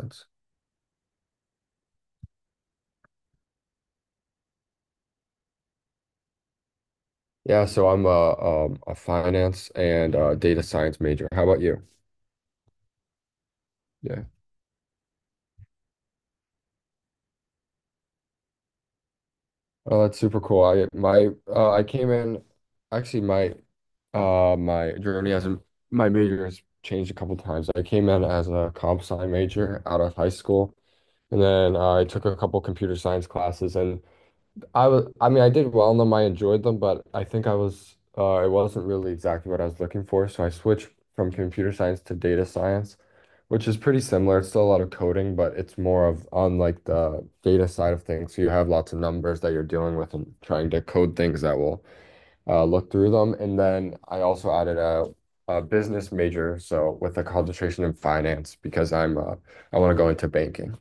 Sense. Yeah, so I'm a finance and data science major. How about you? Yeah. Oh, that's super cool. I came in actually my my my major has changed a couple times. I came in as a comp sci major out of high school, and then I took a couple computer science classes, and I mean, I did well in them. I enjoyed them, but I think it wasn't really exactly what I was looking for. So I switched from computer science to data science, which is pretty similar. It's still a lot of coding, but it's more of on like the data side of things. So you have lots of numbers that you're dealing with and trying to code things that will look through them. And then I also added a business major, so with a concentration in finance because I want to go into banking.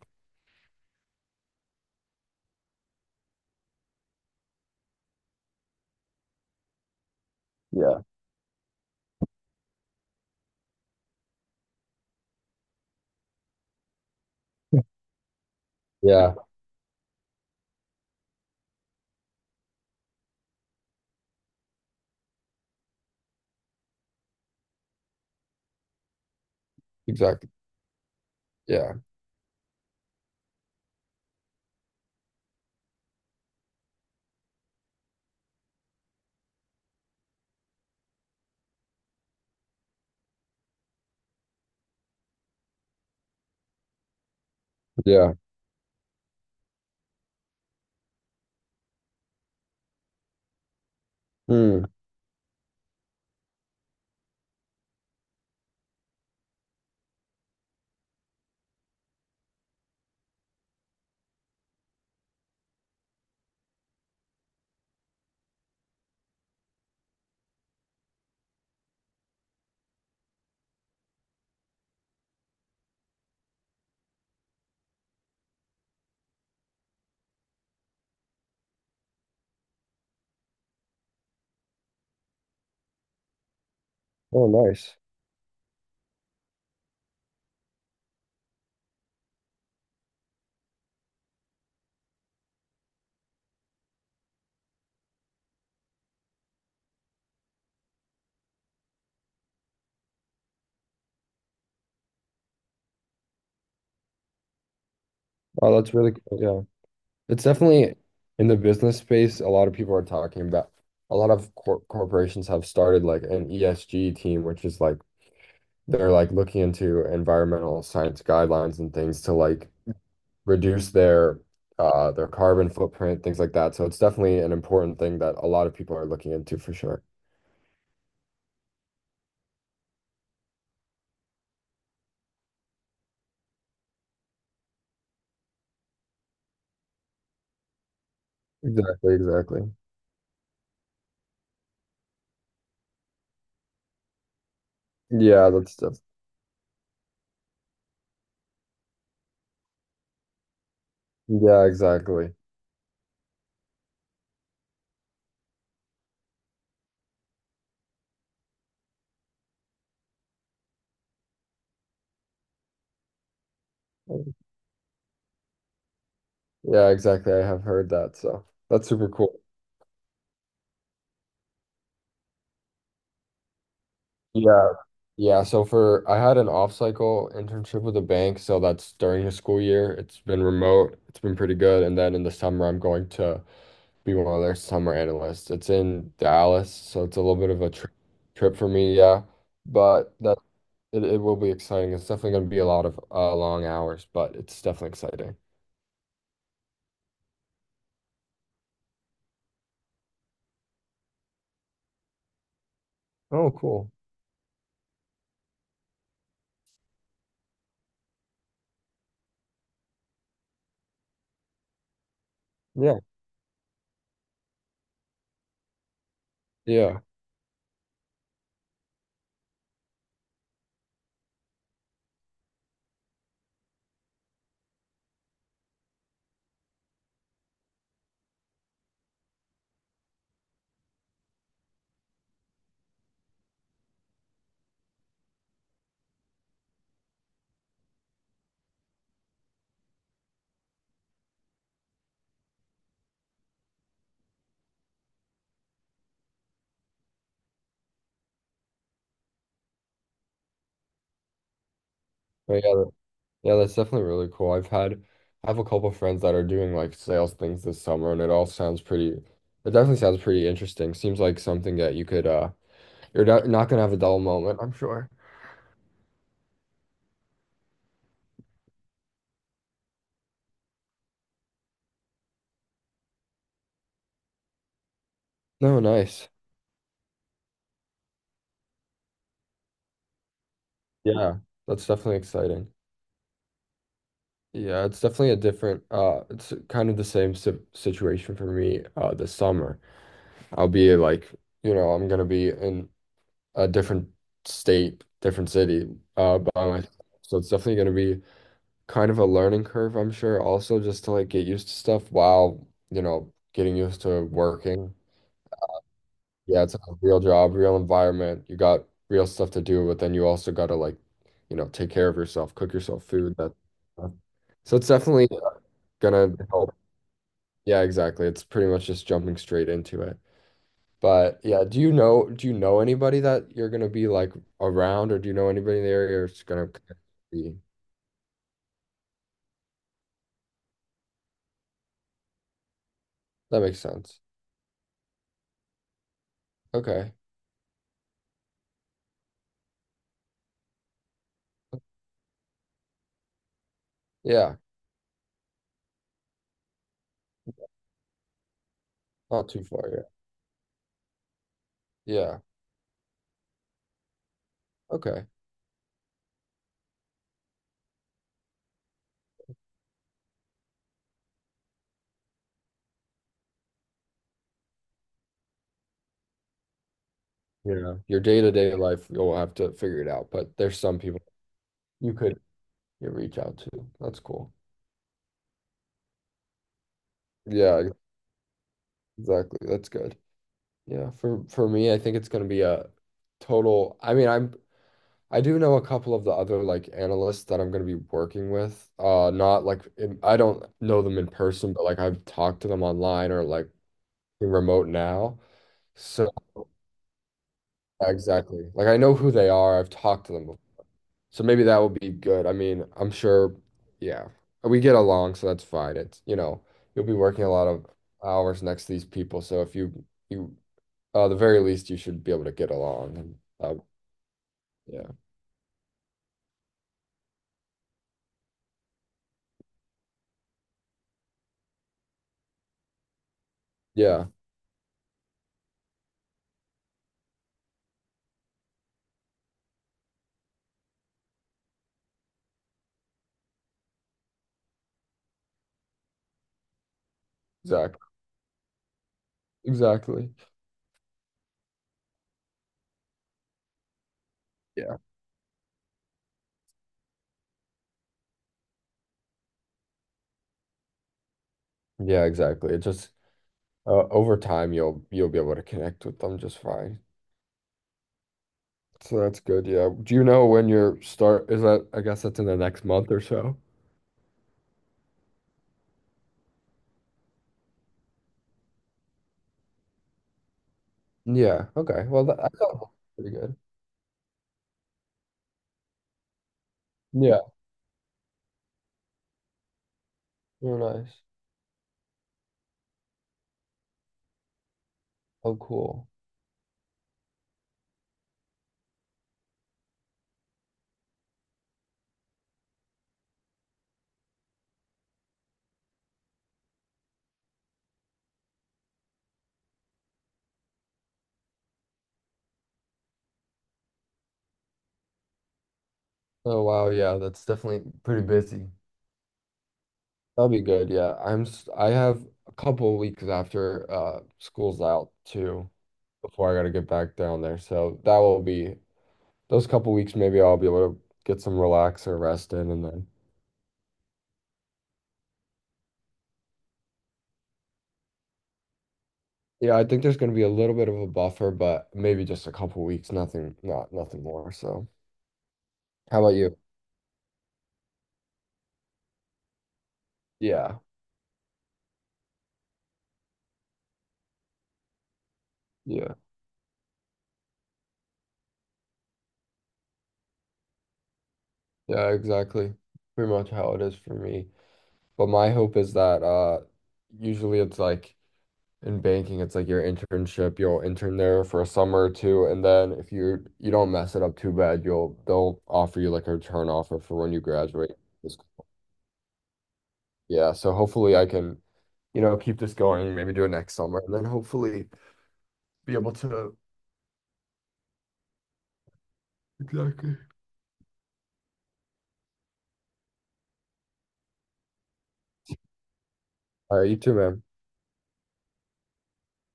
Yeah. Yeah, exactly. Yeah. Yeah. Hmm. Oh, nice. Oh, that's really cool. Yeah. It's definitely in the business space, a lot of people are talking about a lot of corporations have started like an ESG team, which is like they're like looking into environmental science guidelines and things to like reduce their carbon footprint, things like that. So it's definitely an important thing that a lot of people are looking into for sure. Exactly, exactly. Yeah, that's def- yeah, exactly. Yeah, exactly. I have heard that, so that's super cool. Yeah. Yeah, so for I had an off-cycle internship with a bank, so that's during the school year. It's been remote, it's been pretty good. And then in the summer, I'm going to be one of their summer analysts. It's in Dallas, so it's a little bit of a trip for me, yeah. But that it will be exciting. It's definitely going to be a lot of long hours, but it's definitely exciting. Oh, cool. Yeah, yeah, but yeah. Yeah, that's definitely really cool. I have a couple friends that are doing like sales things this summer, and it all sounds pretty it definitely sounds pretty interesting. Seems like something that you could you're not gonna have a dull moment, I'm sure. No, nice. Yeah, that's definitely exciting. Yeah, it's definitely a different it's kind of the same si situation for me this summer. I'll be like, you know, I'm gonna be in a different state, different city by myself. So it's definitely gonna be kind of a learning curve, I'm sure, also just to like get used to stuff while, you know, getting used to working. Yeah, it's a real job, real environment. You got real stuff to do, but then you also got to like, you know, take care of yourself, cook yourself food, that stuff. So it's definitely gonna help. Yeah, exactly. It's pretty much just jumping straight into it. But yeah, do you know anybody that you're gonna be like around, or do you know anybody in the area it's gonna be? That makes sense. Okay. Yeah. Not too far, yeah. Yeah. Okay. Yeah, your day-to-day life, you'll have to figure it out, but there's some people you could you reach out to. That's cool. Yeah, exactly. That's good. Yeah, for me, I think it's going to be a total. I mean, I do know a couple of the other like analysts that I'm going to be working with. Not I don't know them in person, but like I've talked to them online or like remote now. So exactly. Like I know who they are. I've talked to them. So maybe that will be good. I mean, I'm sure, yeah, we get along, so that's fine. It's, you know, you'll be working a lot of hours next to these people, so if you you the very least you should be able to get along, and uh, yeah. Yeah, exactly. Exactly. Yeah. Yeah, exactly. It just over time you'll be able to connect with them just fine. So that's good. Yeah. Do you know when your start is? That I guess that's in the next month or so? Yeah. Okay. Well, that, I thought pretty good. Yeah. You're nice. Oh, cool. Oh wow, yeah, that's definitely pretty busy. That'll be good. I have a couple weeks after school's out too before I gotta get back down there. So that will be those couple weeks. Maybe I'll be able to get some relax or rest in, and then yeah, I think there's gonna be a little bit of a buffer, but maybe just a couple weeks. Not nothing more. So how about you? Yeah, yeah, yeah. Exactly. Pretty much how it is for me. But my hope is that usually it's like. In banking, it's like your internship. You'll intern there for a summer or two, and then if you don't mess it up too bad, you'll they'll offer you like a return offer for when you graduate. Just- Yeah, so hopefully I can, you know, keep this going, maybe do it next summer, and then hopefully be able to. Exactly. All right, you too, man.